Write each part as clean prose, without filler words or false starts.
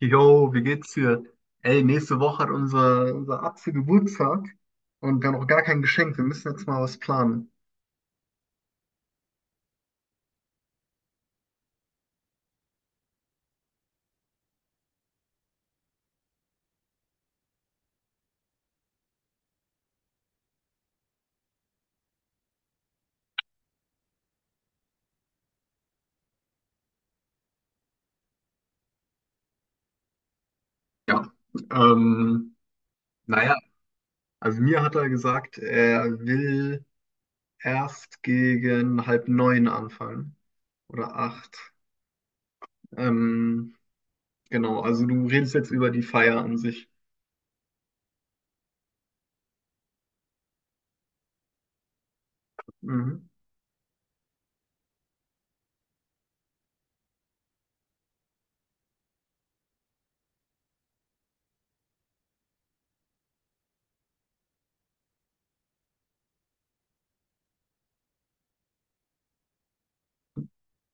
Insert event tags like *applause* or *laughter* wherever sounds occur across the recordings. Yo, wie geht's dir? Ey, nächste Woche hat unser Atze Geburtstag und wir haben noch gar kein Geschenk. Wir müssen jetzt mal was planen. Ja. Ähm, naja, also mir hat er gesagt, er will erst gegen halb neun anfangen oder acht. Ähm, genau, also du redest jetzt über die Feier an sich. Mhm.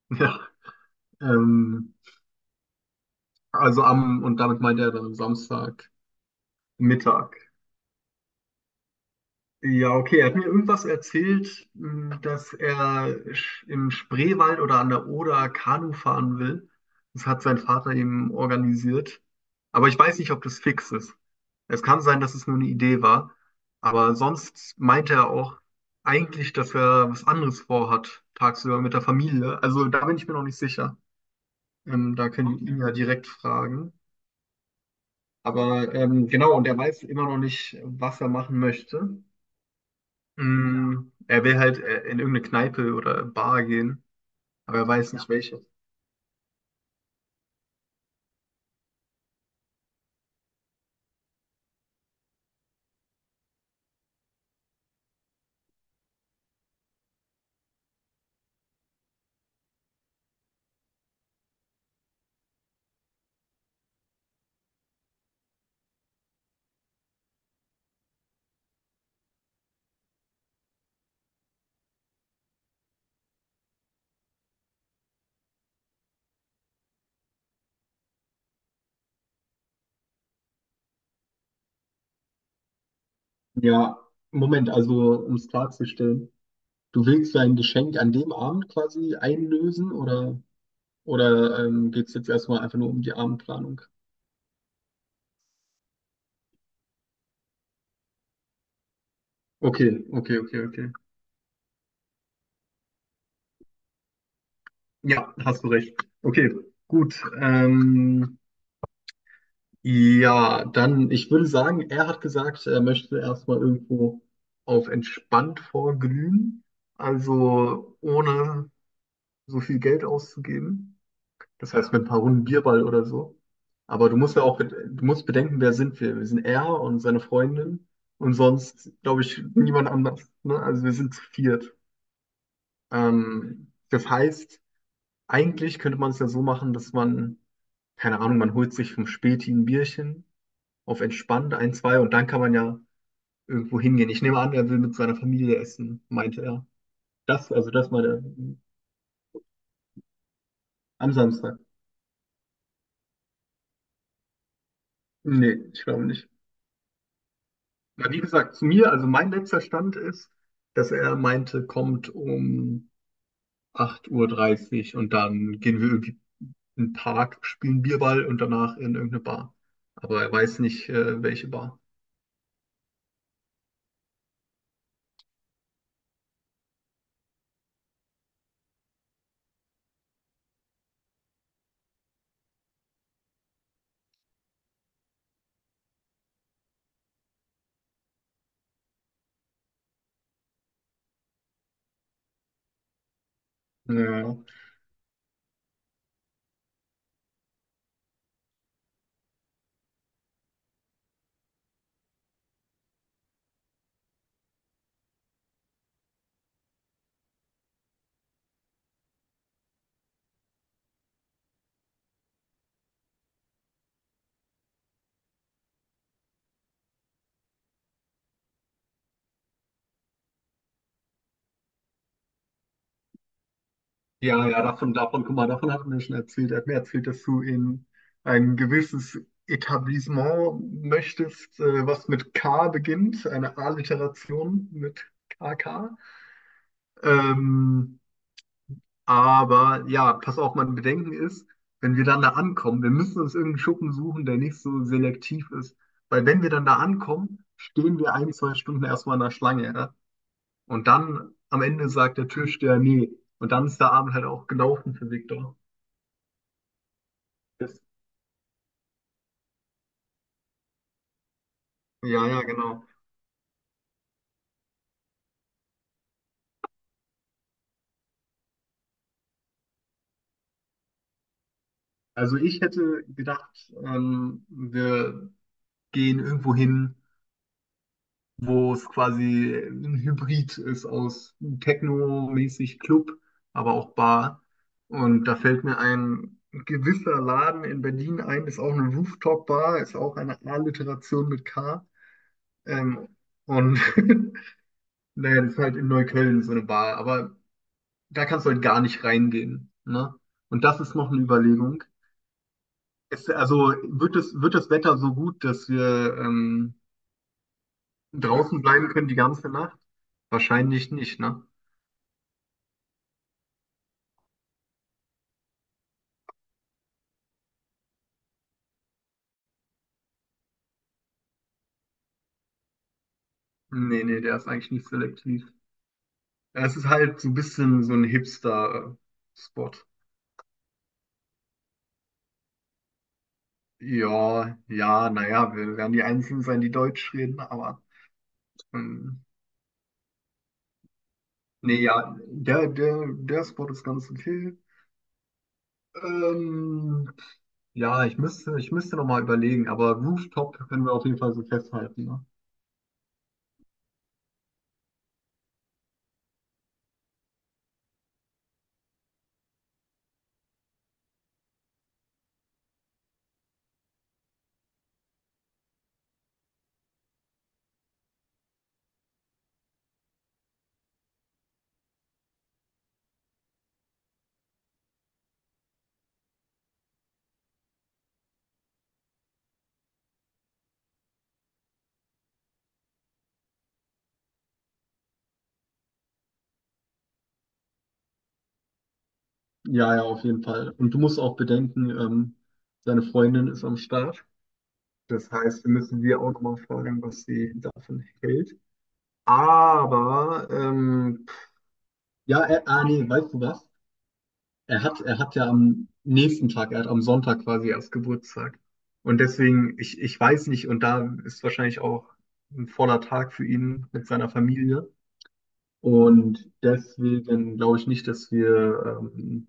Ja. Ähm, also und damit meint er dann Samstag Mittag. Ja, okay. Er hat mir irgendwas erzählt, dass er im Spreewald oder an der Oder Kanu fahren will. Das hat sein Vater ihm organisiert. Aber ich weiß nicht, ob das fix ist. Es kann sein, dass es nur eine Idee war. Aber sonst meinte er auch eigentlich, dass er was anderes vorhat, tagsüber mit der Familie. Also da bin ich mir noch nicht sicher. Da können wir ihn, okay, ja, direkt fragen. Aber genau, und er weiß immer noch nicht, was er machen möchte. Er will halt in irgendeine Kneipe oder Bar gehen, aber er weiß nicht welche. Ja, Moment, also um es klarzustellen, du willst dein Geschenk an dem Abend quasi einlösen, oder geht es jetzt erstmal einfach nur um die Abendplanung? Okay, okay, okay, okay. Ja, hast du recht. Okay, gut. Ja, dann, ich würde sagen, er hat gesagt, er möchte erstmal irgendwo auf entspannt vorglühen, also ohne so viel Geld auszugeben. Das heißt, mit ein paar Runden Bierball oder so. Aber du musst bedenken, wer sind wir? Wir sind er und seine Freundin und sonst, glaube ich, niemand anders. Ne? Also wir sind zu viert. Das heißt, eigentlich könnte man es ja so machen, dass man, keine Ahnung, man holt sich vom Späti ein Bierchen auf entspannt ein, zwei und dann kann man ja irgendwo hingehen. Ich nehme an, er will mit seiner Familie essen, meinte er. Also das meine am Samstag. Nee, ich glaube nicht. Ja, wie gesagt, zu mir, also mein letzter Stand ist, dass er meinte, kommt um 8:30 Uhr dreißig und dann gehen wir irgendwie in den Park, spielen Bierball und danach in irgendeine Bar. Aber er weiß nicht, welche Bar. Ja, ja, ja, guck mal, davon hat er mir schon erzählt. Er hat mir erzählt, dass du in ein gewisses Etablissement möchtest, was mit K beginnt, eine A-Literation mit KK. Ähm, Aber ja, pass auf, mein Bedenken ist, wenn wir dann da ankommen, wir müssen uns irgendeinen Schuppen suchen, der nicht so selektiv ist. Weil wenn wir dann da ankommen, stehen wir ein, zwei Stunden erstmal in der Schlange. Ja? Und dann am Ende sagt der Türsteher, nee. Und dann ist der Abend halt auch gelaufen für Viktor. Das- Ja, ja, genau. Also ich hätte gedacht, wir gehen irgendwo hin, wo es quasi ein Hybrid ist aus Techno-mäßig Club, aber auch Bar. Und da fällt mir ein gewisser Laden in Berlin ein, ist auch eine Rooftop-Bar, ist auch eine Alliteration mit K. Ähm, und *laughs* naja, das ist halt in Neukölln so eine Bar, aber da kannst du halt gar nicht reingehen. Ne? Und das ist noch eine Überlegung. Also wird das, Wetter so gut, dass wir draußen bleiben können die ganze Nacht? Wahrscheinlich nicht, ne? Nee, nee, der ist eigentlich nicht selektiv. Ja, es ist halt so ein bisschen so ein Hipster-Spot. Ja, ja, naja, wir werden die Einzigen sein, die Deutsch reden, aber ähm, nee, ja, der Spot ist ganz okay. Ähm, ja, ich müsste noch mal überlegen, aber Rooftop können wir auf jeden Fall so festhalten, ne? Ja, ja, auf jeden Fall. Und du musst auch bedenken, seine Freundin ist am Start. Das heißt, wir müssen sie auch noch mal fragen, was sie davon hält. Aber, ja, er, ah, nee, weißt du was? Er hat ja am nächsten Tag, er hat am Sonntag quasi erst Geburtstag. Und deswegen, ich weiß nicht, und da ist wahrscheinlich auch ein voller Tag für ihn mit seiner Familie. Und deswegen glaube ich nicht, dass wir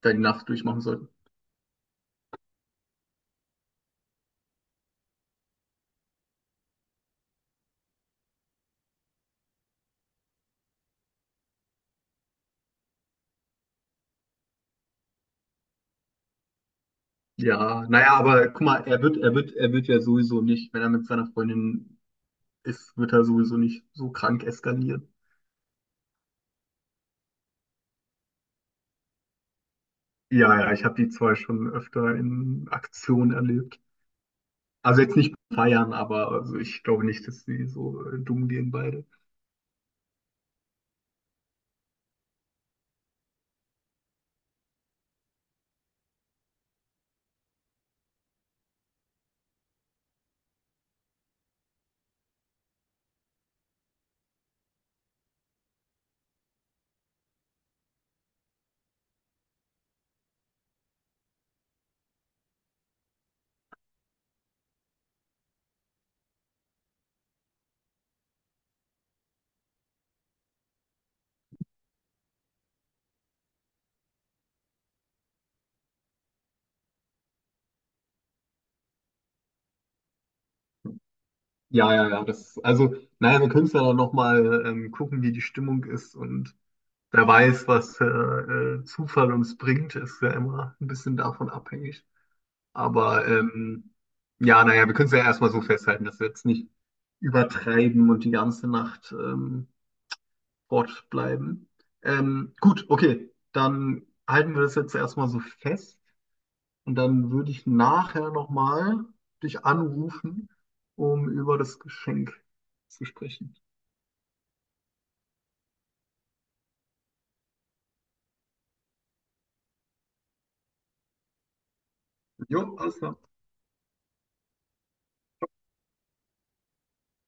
da die Nacht durchmachen sollten. Ja, naja, aber guck mal, er wird ja sowieso nicht, wenn er mit seiner Freundin ist, wird er sowieso nicht so krank eskalieren. Ja, ja, ich habe die zwei schon öfter in Aktion erlebt. Also jetzt nicht feiern, aber also ich glaube nicht, dass sie so dumm gehen beide. Ja, ja, ja, das, also, naja, wir können es ja dann nochmal gucken, wie die Stimmung ist und wer weiß, was Zufall uns bringt, ist ja immer ein bisschen davon abhängig. Aber ja, naja, wir können es ja erstmal so festhalten, dass wir jetzt nicht übertreiben und die ganze Nacht Sport bleiben. Gut, okay, dann halten wir das jetzt erstmal so fest und dann würde ich nachher nochmal dich anrufen, um über das Geschenk zu sprechen. Jo, alles klar.